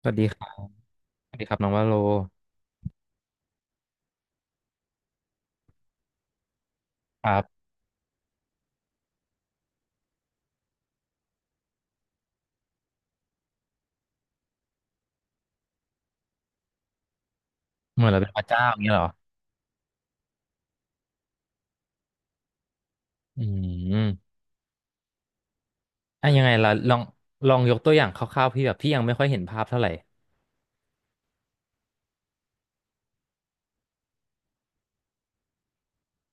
สวัสดีครับสวัสดีครับน้องวาโลครับเหมือนเราเป็นพระเจ้าอย่างนี้เหรออืมอ่ะยังไงล่ะลองยกตัวอย่างคร่าวๆพี่แบบพี่ยังไม่ค่อยเห็นภาพเท่าไหร่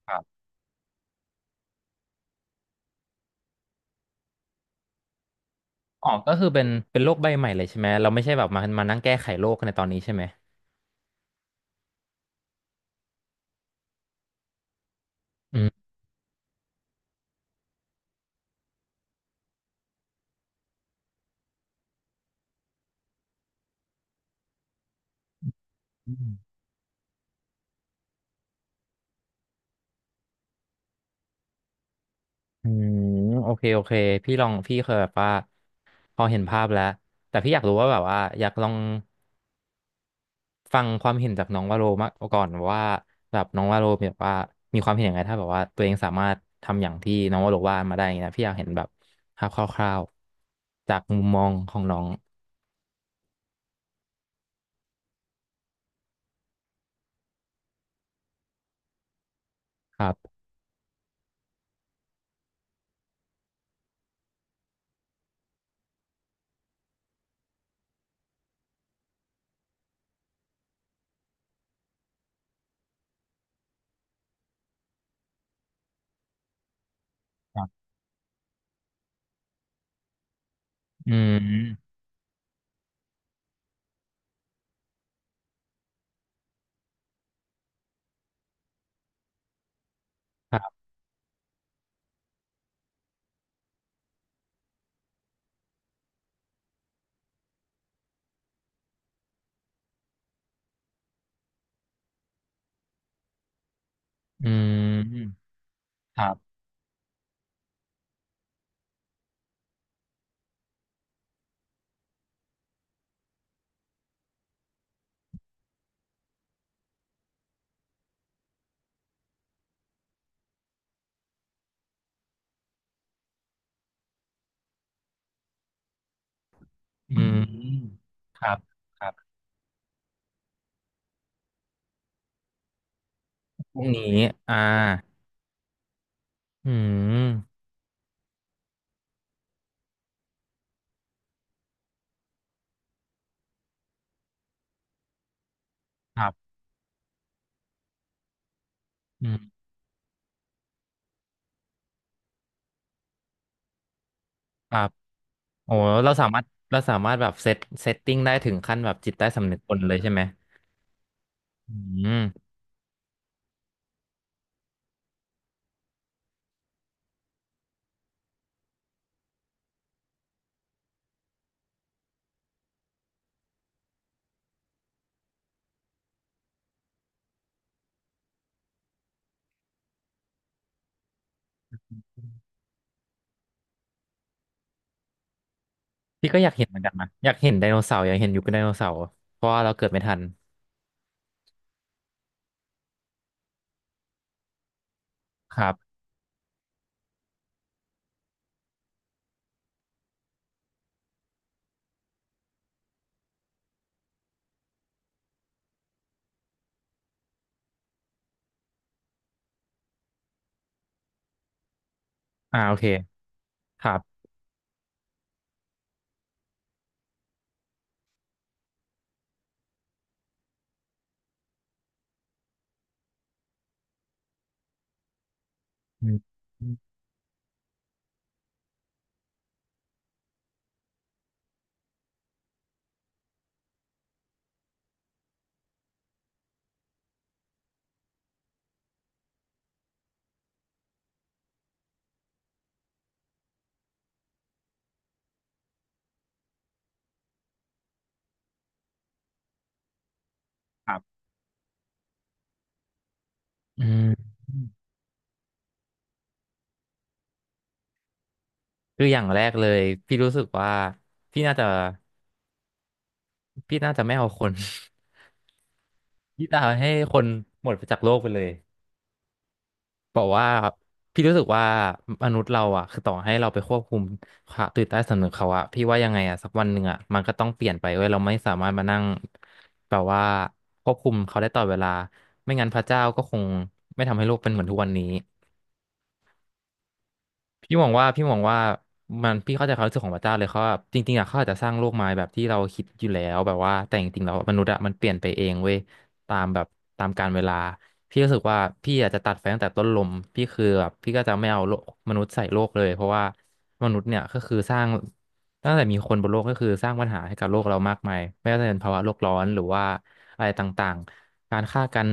ครับอ๋อก็คือเป็นโลกใบใหม่เลยใช่ไหมเราไม่ใช่แบบมานั่งแก้ไขโลกในตอนนี้ใช่ไหมอืมอืมโอเคโอเคพี่ลองพี่เคยแบบว่าพอเห็นภาพแล้วแต่พี่อยากรู้ว่าแบบว่าอยากลอง ฟังความเห็นจากน้องวาโรมาก่อนว่าแบบน้องวาโรแบบว่ามีความเห็นยังไงถ้าแบบว่าตัวเองสามารถทำอย่างที่น้องวาโรว่ามาได้อย่างเงี้ยนะพี่อยากเห็นแบบภาพคร่าวๆจากมุมมองของน้องครับครับอืมครับอืมครับอืมพรุ่งนี้อ่าอืมครับอืมครับโอ้เราสามารถเราสามารถแบบเซตติ้งได้ถึงขั้นแบบจิตใต้สำนึกคนเลยใช่ไหมอืม พี่ก็อยากเห็นเหมือนกันนะอยากเห็นไดโนเสาร์อยากเห็นยุคไดโนเสาร์เพราะว่าเราเกิดไม่ทันครับอ่าโอเคครับอืมครับอืมคืออย่างแรกเลยพี่รู้สึกว่าพี่น่าจะไม่เอาคน พี่จะเอาให้คนหมดไปจากโลกไปเลย บอกว่าพี่รู้สึกว่ามนุษย์เราอ่ะคือต่อให้เราไปควบคุมความตื่นใต้สำนึกเขาอ่ะพี่ว่ายังไงอ่ะสักวันหนึ่งอ่ะมันก็ต้องเปลี่ยนไปเว้ยเราไม่สามารถมานั่งแบบว่าควบคุมเขาได้ตลอดเวลาไม่งั้นพระเจ้าก็คงไม่ทำให้โลกเป็นเหมือนทุกวันนี้ พี่มองว่ามันพี่เข้าใจความรู้สึกของพระเจ้าเลยเขาว่าจริงๆอ่ะเขาอาจจะสร้างโลกมาแบบที่เราคิดอยู่แล้วแบบว่าแต่จริงๆแล้วมนุษย์อ่ะมันเปลี่ยนไปเองเว้ยตามแบบตามกาลเวลาพี่รู้สึกว่าพี่อาจจะตัดไฟตั้งแต่ต้นลมพี่คือแบบพี่ก็จะไม่เอาโลกมนุษย์ใส่โลกเลยเพราะว่ามนุษย์เนี่ยก็คือสร้างตั้งแต่มีคนบนโลกก็คือสร้างปัญหาให้กับโลกเรามากมายไม่ว่าจะเป็นภาวะโลกร้อนหรือว่าอะไรต่างๆการฆ่ากัน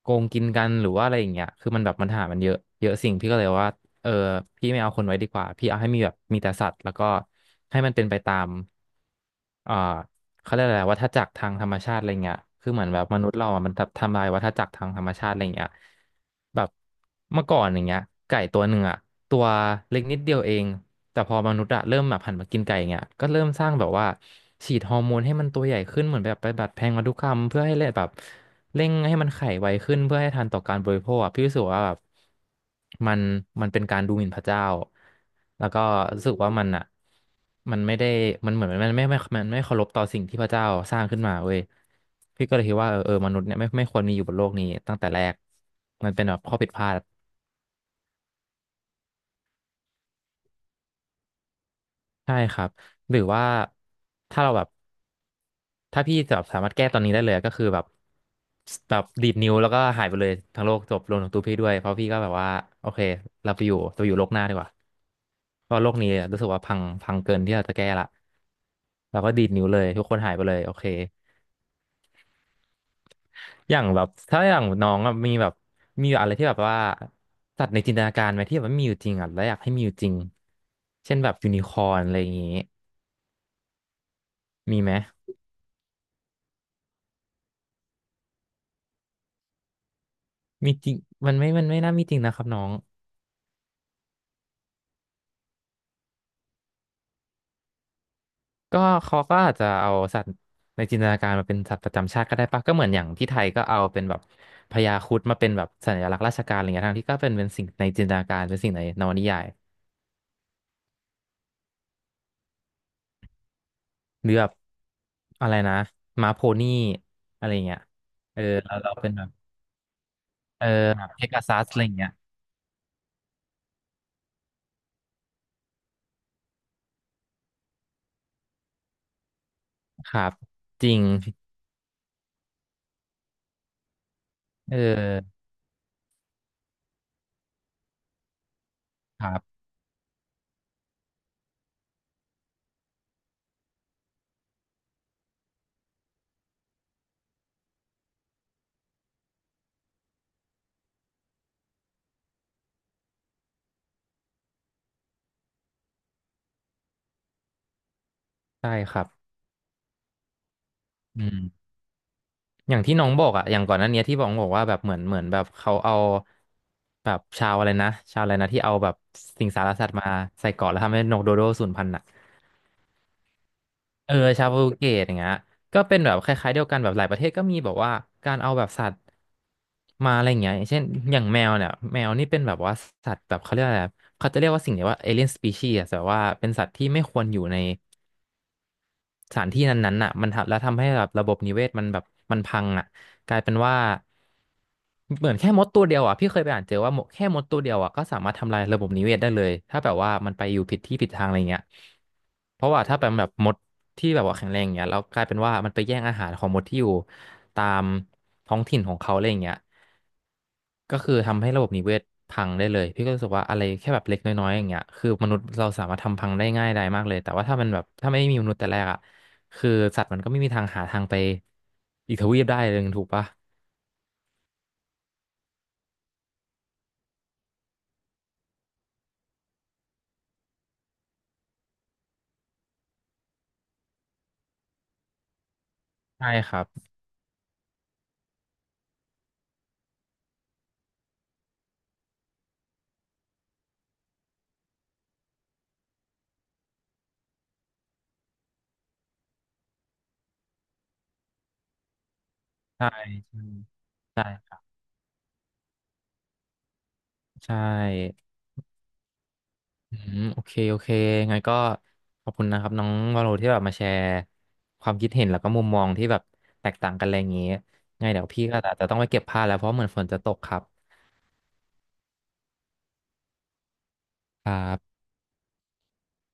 โกงกินกันหรือว่าอะไรอย่างเงี้ยคือมันแบบปัญหามันเยอะเยอะสิ่งพี่ก็เลยว่า เออพี่ไม่เอาคนไว้ดีกว่าพี่เอาให้มีแบบมีแต่สัตว์แล้วก็ให้มันเป็นไปตามเอ่อเขาเรียกอะไรวัฏจักรทางธรรมชาติอะไรเงี้ยคือเหมือนแบบมนุษย์เราอ่ะมันทำลายวัฏจักรทางธรรมชาติอะไรเงี้ยแบบเมื่อก่อนอย่างเงี้ยไก่ตัวหนึ่งอ่ะตัวเล็กนิดเดียวเองแต่พอมนุษย์อะเริ่มแบบหันมากินไก่อย่างเงี้ยก็เริ่มสร้างแบบว่าฉีดฮอร์โมนให้มันตัวใหญ่ขึ้นเหมือนแบบไปดัดแปลงพันธุกรรมเพื่อให้เลยแบบ เร่งให้มันไขไวขึ้นเพื่อให้ทันต่อการบริโภคอะพี่รู้สึกว่าแบบมันมันเป็นการดูหมิ่นพระเจ้าแล้วก็รู้สึกว่ามันอ่ะมันไม่ได้มันเหมือนมันไม่มันไม่เคารพต่อสิ่งที่พระเจ้าสร้างขึ้นมาเว้ยพี่ก็เลยคิดว่าเออมนุษย์เนี่ยไม่ควรมีอยู่บนโลกนี้ตั้งแต่แรกมันเป็นแบบข้อผิดพลาดใช่ครับหรือว่าถ้าเราแบบ ถ้าพี่แบบสามารถแก้ตอนนี้ได้เลยก็คือแบบดีดนิ้วแล้วก็หายไปเลยทั้งโลกจบรวมถึงตัวพี่ด้วยเพราะพี่ก็แบบว่าโอเคเราไปอยู่เราอยู่โลกหน้าดีกว่าเพราะโลกนี้รู้สึกว่าพังเกินที่เราจะแก้ละเราก็ดีดนิ้วเลยทุกคนหายไปเลยโอเคอย่างแบบถ้าอย่างน้องอะมีแบบมีอะไรที่แบบว่าสัตว์ในจินตนาการไหมที่แบบไม่มีอยู่จริงอ่ะแล้วอยากให้มีอยู่จริงเช่นแบบยูนิคอร์นอะไรอย่างงี้มีไหมมีจริงมันไม่น่ามีจริงนะครับน้อง ก็เขาก็อาจจะเอาสัตว์ในจินตนาการมาเป็นสัตว์ประจำชาติก็ได้ปะก็เหมือนอย่างที่ไทยก็เอาเป็นแบบพญาครุฑมาเป็นแบบสัญลักษณ์ราชการอะไรเงี้ยทั้งที่ก็เป็นสิ่งในจินตนาการเป็นสิ่งในนวนิยายหรือแบบอะไรนะม้าโพนี่อะไรเงี้ยเอาเราเป็นแบบเออแบบเพกาซัสอะไรเงี้ยครับจริงเออครับใช่ครับอืม อย่างที่น้องบอกอะอย่างก่อนหน้านี้ที่บอกว่าแบบเหมือนแบบเขาเอาแบบชาวอะไรนะชาวอะไรนะที่เอาแบบสิงสารสัตว์มาใส่เกาะแล้วทำให้นกโดโดสูญพันธุ์อะเออชาวโปรตุเกสอย่างเงี้ยก็เป็นแบบคล้ายๆเดียวกันแบบหลายประเทศก็มีแบบว่าการเอาแบบสัตว์มาอะไรอย่างเงี้ยอย่างเช่นอย่างแมวเนี่ยแมวนี่เป็นแบบว่าสัตว์แบบเขาเรียกอะไรอะเขาจะเรียกว่าสิ่งเนี้ยว่าเอเลียนสปีชีส์แต่ว่าเป็นสัตว์ที่ไม่ควรอยู่ใน สถานที่นั้นๆน่ะมันทำแล้วทำให้แบบระบบนิเวศมันแบบมันพังอ่ะกลายเป็นว่าเหมือนแค่มดตัวเดียวอ่ะพี่เคยไปอ่านเจอว่าหมดแค่มดตัวเดียวอ่ะก็สามารถทำลายระบบนิเวศได้เลยถ้าแบบว่ามันไปอยู่ผิดที่ผิดทางอะไรเงี้ยเพราะว่าถ้าเป็นแบบมดที่แบบว่าแข็งแรงเงี้ยแล้วกลายเป็นว่ามันไปแย่งอาหารของมดที่อยู่ ตามท้องถิ่นของเขาอะไรอย่างเงี้ยก็คือทำให้ระบบนิเวศพังได้เลยพี่ก็รู้สึกว่าอะไรแค่แบบเล็กน้อยๆอย่างเงี้ยคือมนุษย์เราสามารถทำพังได้ง่ายได้มากเลยแต่ว่าถ้ามันแบบถ้าไม่มีมนุษย์แต่แรกอ่ะคือสัตว์มันก็ไม่มีทางหาทางไปอีกทวีปได้เลยถูกปะใช่ครับใช่อืมโอเคโอเคงั้นก็ขอบคุณนะครับน้องวาโลที่แบบมาแชร์ความคิดเห็นแล้วก็มุมมองที่แบบแตกต่างกันอะไรอย่างเงี้ยไงเดี๋ยวพี่ก็อาจจะต้องไปเก็บผ้าแล้วเพราะเหมือนฝนจะตกครับครับ